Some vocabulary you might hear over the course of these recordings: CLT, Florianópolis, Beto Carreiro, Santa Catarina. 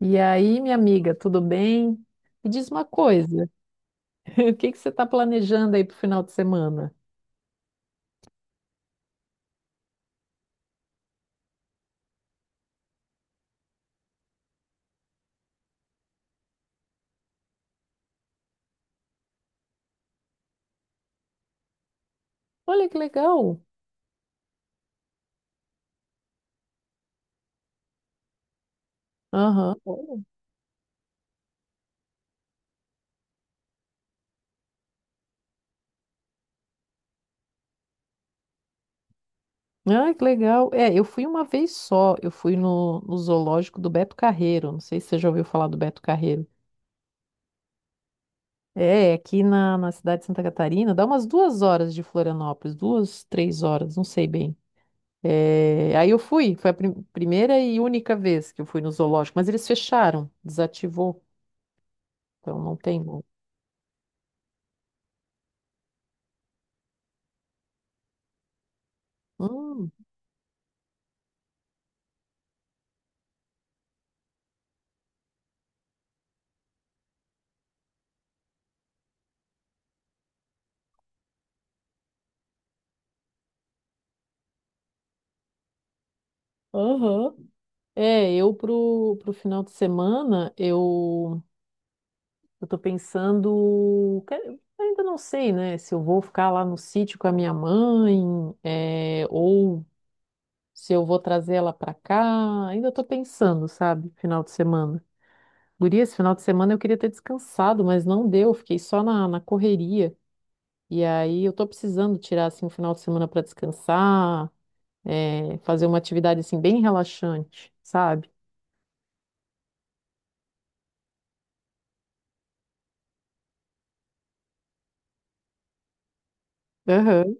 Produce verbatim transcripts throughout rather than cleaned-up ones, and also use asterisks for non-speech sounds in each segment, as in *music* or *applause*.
E aí, minha amiga, tudo bem? Me diz uma coisa, *laughs* o que que você está planejando aí para o final de semana? Olha que legal! Aham. Olha. Ah, que legal! É, eu fui uma vez só, eu fui no, no zoológico do Beto Carreiro, não sei se você já ouviu falar do Beto Carreiro. É, é aqui na, na cidade de Santa Catarina, dá umas duas horas de Florianópolis, duas, três horas, não sei bem. É, aí eu fui, foi a prim- primeira e única vez que eu fui no zoológico, mas eles fecharam, desativou, então não tem mais. Hum. Aham. É, eu pro, pro final de semana, eu, eu tô pensando, quero- ainda não sei, né, se eu vou ficar lá no sítio com a minha mãe, é, ou se eu vou trazer ela pra cá, ainda tô pensando, sabe, final de semana. Guria, esse final de semana eu queria ter descansado, mas não deu, fiquei só na, na correria, e aí eu tô precisando tirar, assim, um final de semana pra descansar, é, fazer uma atividade, assim, bem relaxante, sabe? Aham,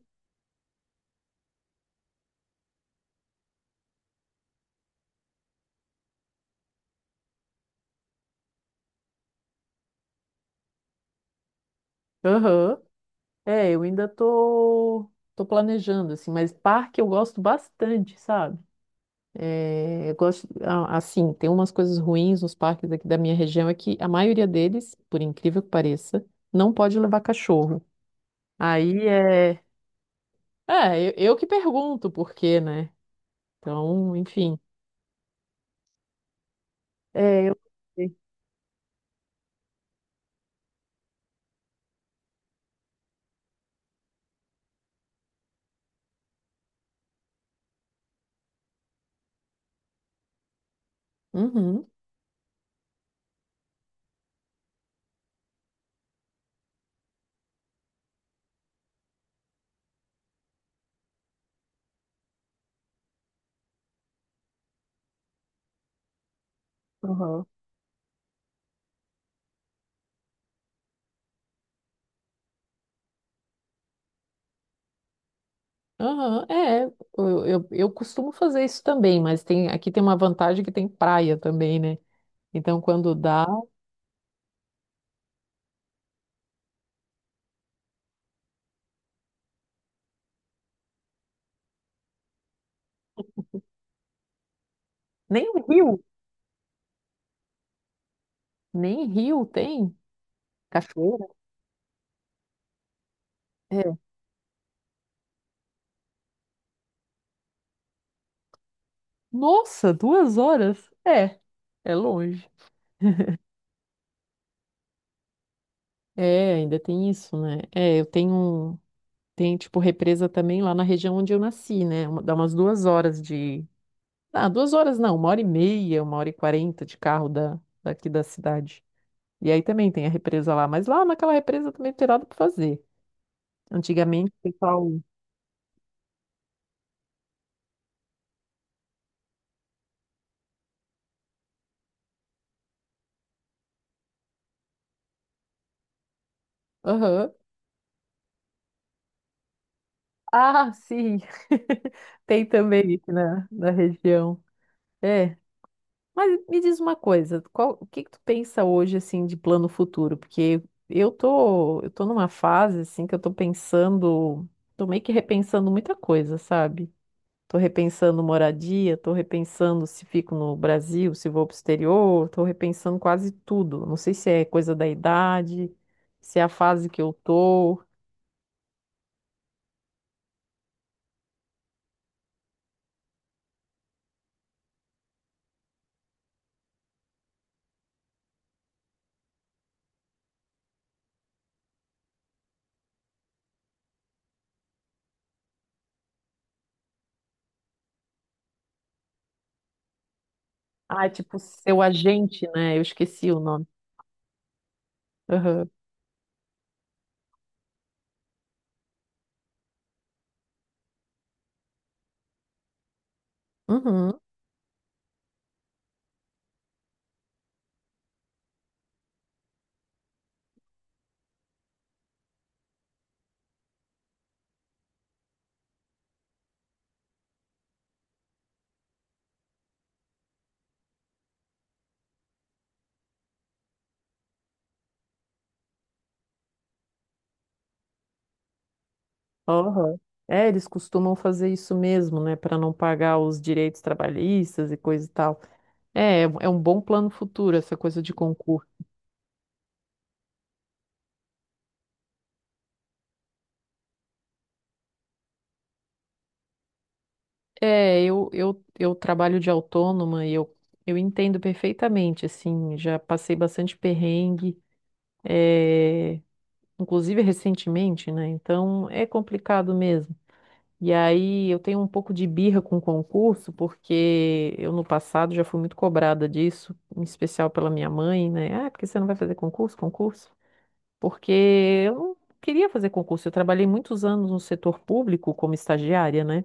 aham. É, eu ainda tô, tô, planejando, assim, mas parque eu gosto bastante, sabe? É, eu gosto, a- assim, tem umas coisas ruins nos parques aqui da minha região, é que a maioria deles, por incrível que pareça, não pode levar cachorro. Aí é, é, eu, eu que pergunto por quê, né? Então, enfim. É, eu. Uhum. Uhum. Aham, é, eu, eu, eu costumo fazer isso também, mas tem aqui tem uma vantagem que tem praia também, né? Então quando dá, nem o rio, nem rio tem cachoeira. É. Nossa, duas horas? É, é longe. É, ainda tem isso, né? É, eu tenho um- tem tipo represa também lá na região onde eu nasci, né? Uma- Dá umas duas horas de, ah, duas horas não, uma hora e meia, uma hora e quarenta de carro da daqui da cidade. E aí também tem a represa lá, mas lá naquela represa também não tem nada para fazer. Antigamente, o pessoal. Aham. Ah, sim. *laughs* Tem também aqui na, na região. É. Mas me diz uma coisa, qual, o que que tu pensa hoje assim de plano futuro? Porque eu tô, eu tô numa fase assim que eu tô pensando, tô meio que repensando muita coisa, sabe? Estou repensando moradia, estou repensando se fico no Brasil, se vou para o exterior, estou repensando quase tudo. Não sei se é coisa da idade, se é a fase que eu tô. Ah, é tipo seu agente, né? Eu esqueci o nome. Aham. Uhum. Aham. É, eles costumam fazer isso mesmo, né? Para não pagar os direitos trabalhistas e coisa e tal. É, é um é um bom plano futuro essa coisa de concurso. É, eu, eu, eu trabalho de autônoma e eu, eu entendo perfeitamente, assim, já passei bastante perrengue, é, inclusive recentemente, né? Então é complicado mesmo. E aí eu tenho um pouco de birra com o concurso, porque eu no passado já fui muito cobrada disso, em especial pela minha mãe, né? Ah, porque você não vai fazer concurso? Concurso? Porque eu não queria fazer concurso, eu trabalhei muitos anos no setor público como estagiária, né?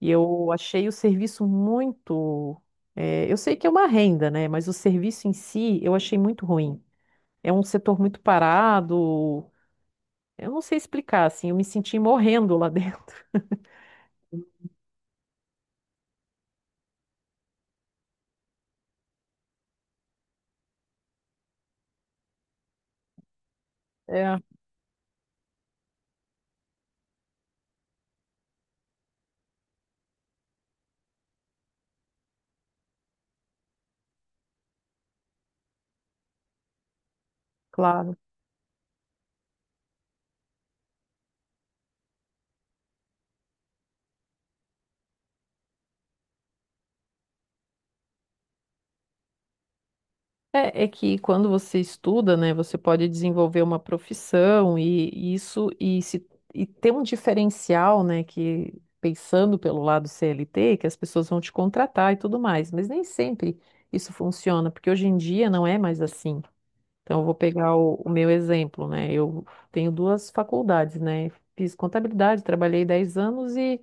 E eu achei o serviço muito. eh, eu sei que é uma renda, né? Mas o serviço em si eu achei muito ruim. É um setor muito parado. Eu não sei explicar, assim, eu me senti morrendo lá dentro. *laughs* É, claro. É, é que quando você estuda, né, você pode desenvolver uma profissão e, e isso e, se, e ter um diferencial, né, que pensando pelo lado C L T, que as pessoas vão te contratar e tudo mais, mas nem sempre isso funciona, porque hoje em dia não é mais assim. Então, eu vou pegar o, o meu exemplo, né? Eu tenho duas faculdades, né? Fiz contabilidade, trabalhei dez anos e,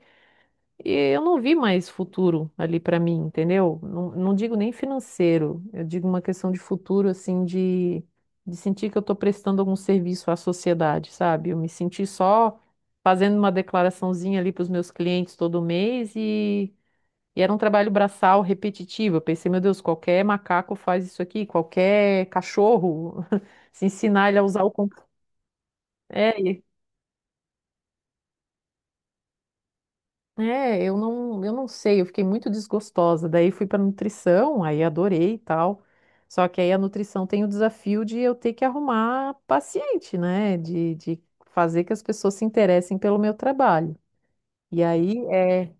e eu não vi mais futuro ali para mim, entendeu? Não, não digo nem financeiro, eu digo uma questão de futuro, assim, de, de sentir que eu estou prestando algum serviço à sociedade, sabe? Eu me senti só fazendo uma declaraçãozinha ali para os meus clientes todo mês e e era um trabalho braçal repetitivo. Eu pensei, meu Deus, qualquer macaco faz isso aqui, qualquer cachorro, *laughs* se ensinar ele a usar o computador. É, e- é, eu não, eu não sei, eu fiquei muito desgostosa. Daí fui para nutrição, aí adorei e tal. Só que aí a nutrição tem o desafio de eu ter que arrumar paciente, né? De, de, fazer que as pessoas se interessem pelo meu trabalho. E aí, é,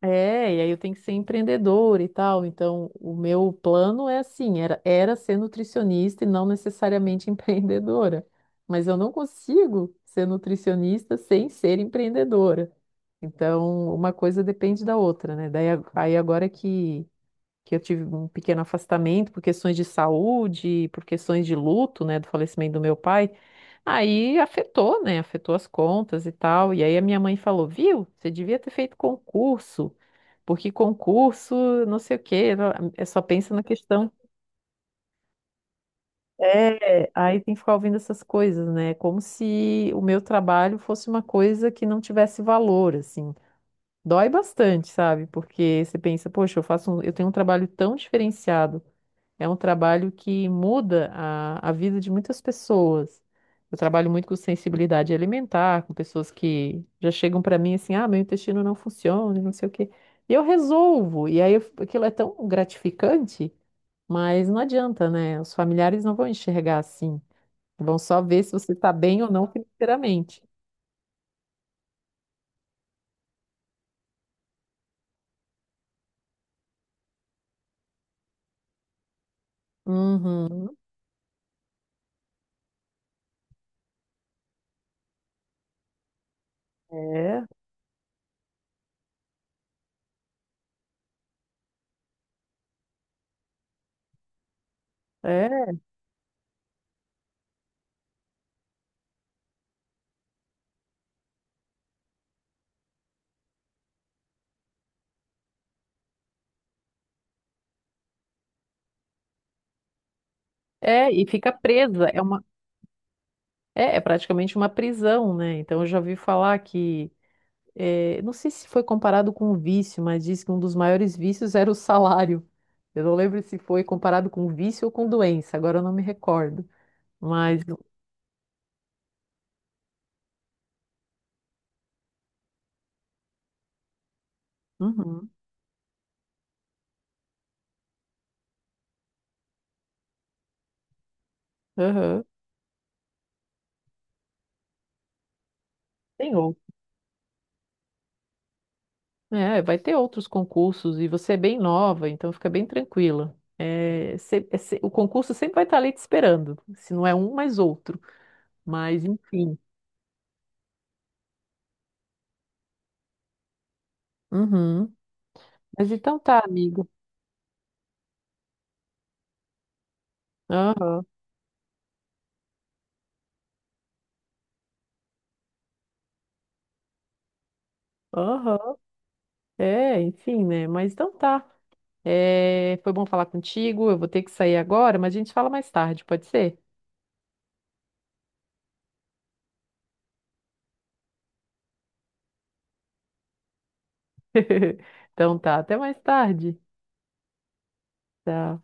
É, e aí eu tenho que ser empreendedor e tal. Então, o meu plano é assim, era, era, ser nutricionista e não necessariamente *laughs* empreendedora. Mas eu não consigo ser nutricionista sem ser empreendedora. Então, uma coisa depende da outra, né? Daí, a- aí agora que que eu tive um pequeno afastamento por questões de saúde, por questões de luto, né, do falecimento do meu pai. Aí afetou, né? Afetou as contas e tal. E aí a minha mãe falou: Viu, você devia ter feito concurso, porque concurso, não sei o quê, é só pensa na questão. É, aí tem que ficar ouvindo essas coisas, né? Como se o meu trabalho fosse uma coisa que não tivesse valor, assim. Dói bastante, sabe? Porque você pensa, poxa, eu faço um- eu tenho um trabalho tão diferenciado. É um trabalho que muda a, a vida de muitas pessoas. Eu trabalho muito com sensibilidade alimentar, com pessoas que já chegam para mim assim, ah, meu intestino não funciona, não sei o quê. E eu resolvo. E aí eu- aquilo é tão gratificante, mas não adianta, né? Os familiares não vão enxergar assim. Vão só ver se você está bem ou não financeiramente. Uhum. É, é, é, e fica presa. É uma, é, é praticamente uma prisão, né? Então eu já ouvi falar que eh, não sei se foi comparado com um vício, mas diz que um dos maiores vícios era o salário. Eu não lembro se foi comparado com vício ou com doença, agora eu não me recordo. Mas, uhum, aham, tem outro. É, vai ter outros concursos e você é bem nova, então fica bem tranquila. É, se- é se- o concurso sempre vai estar ali te esperando, se não é um, mais outro. Mas enfim. Uhum. Mas então tá, amigo. Aham, aham. É, enfim, né? Mas então tá. É, foi bom falar contigo. Eu vou ter que sair agora, mas a gente fala mais tarde, pode ser? *laughs* Então tá, até mais tarde. Tchau.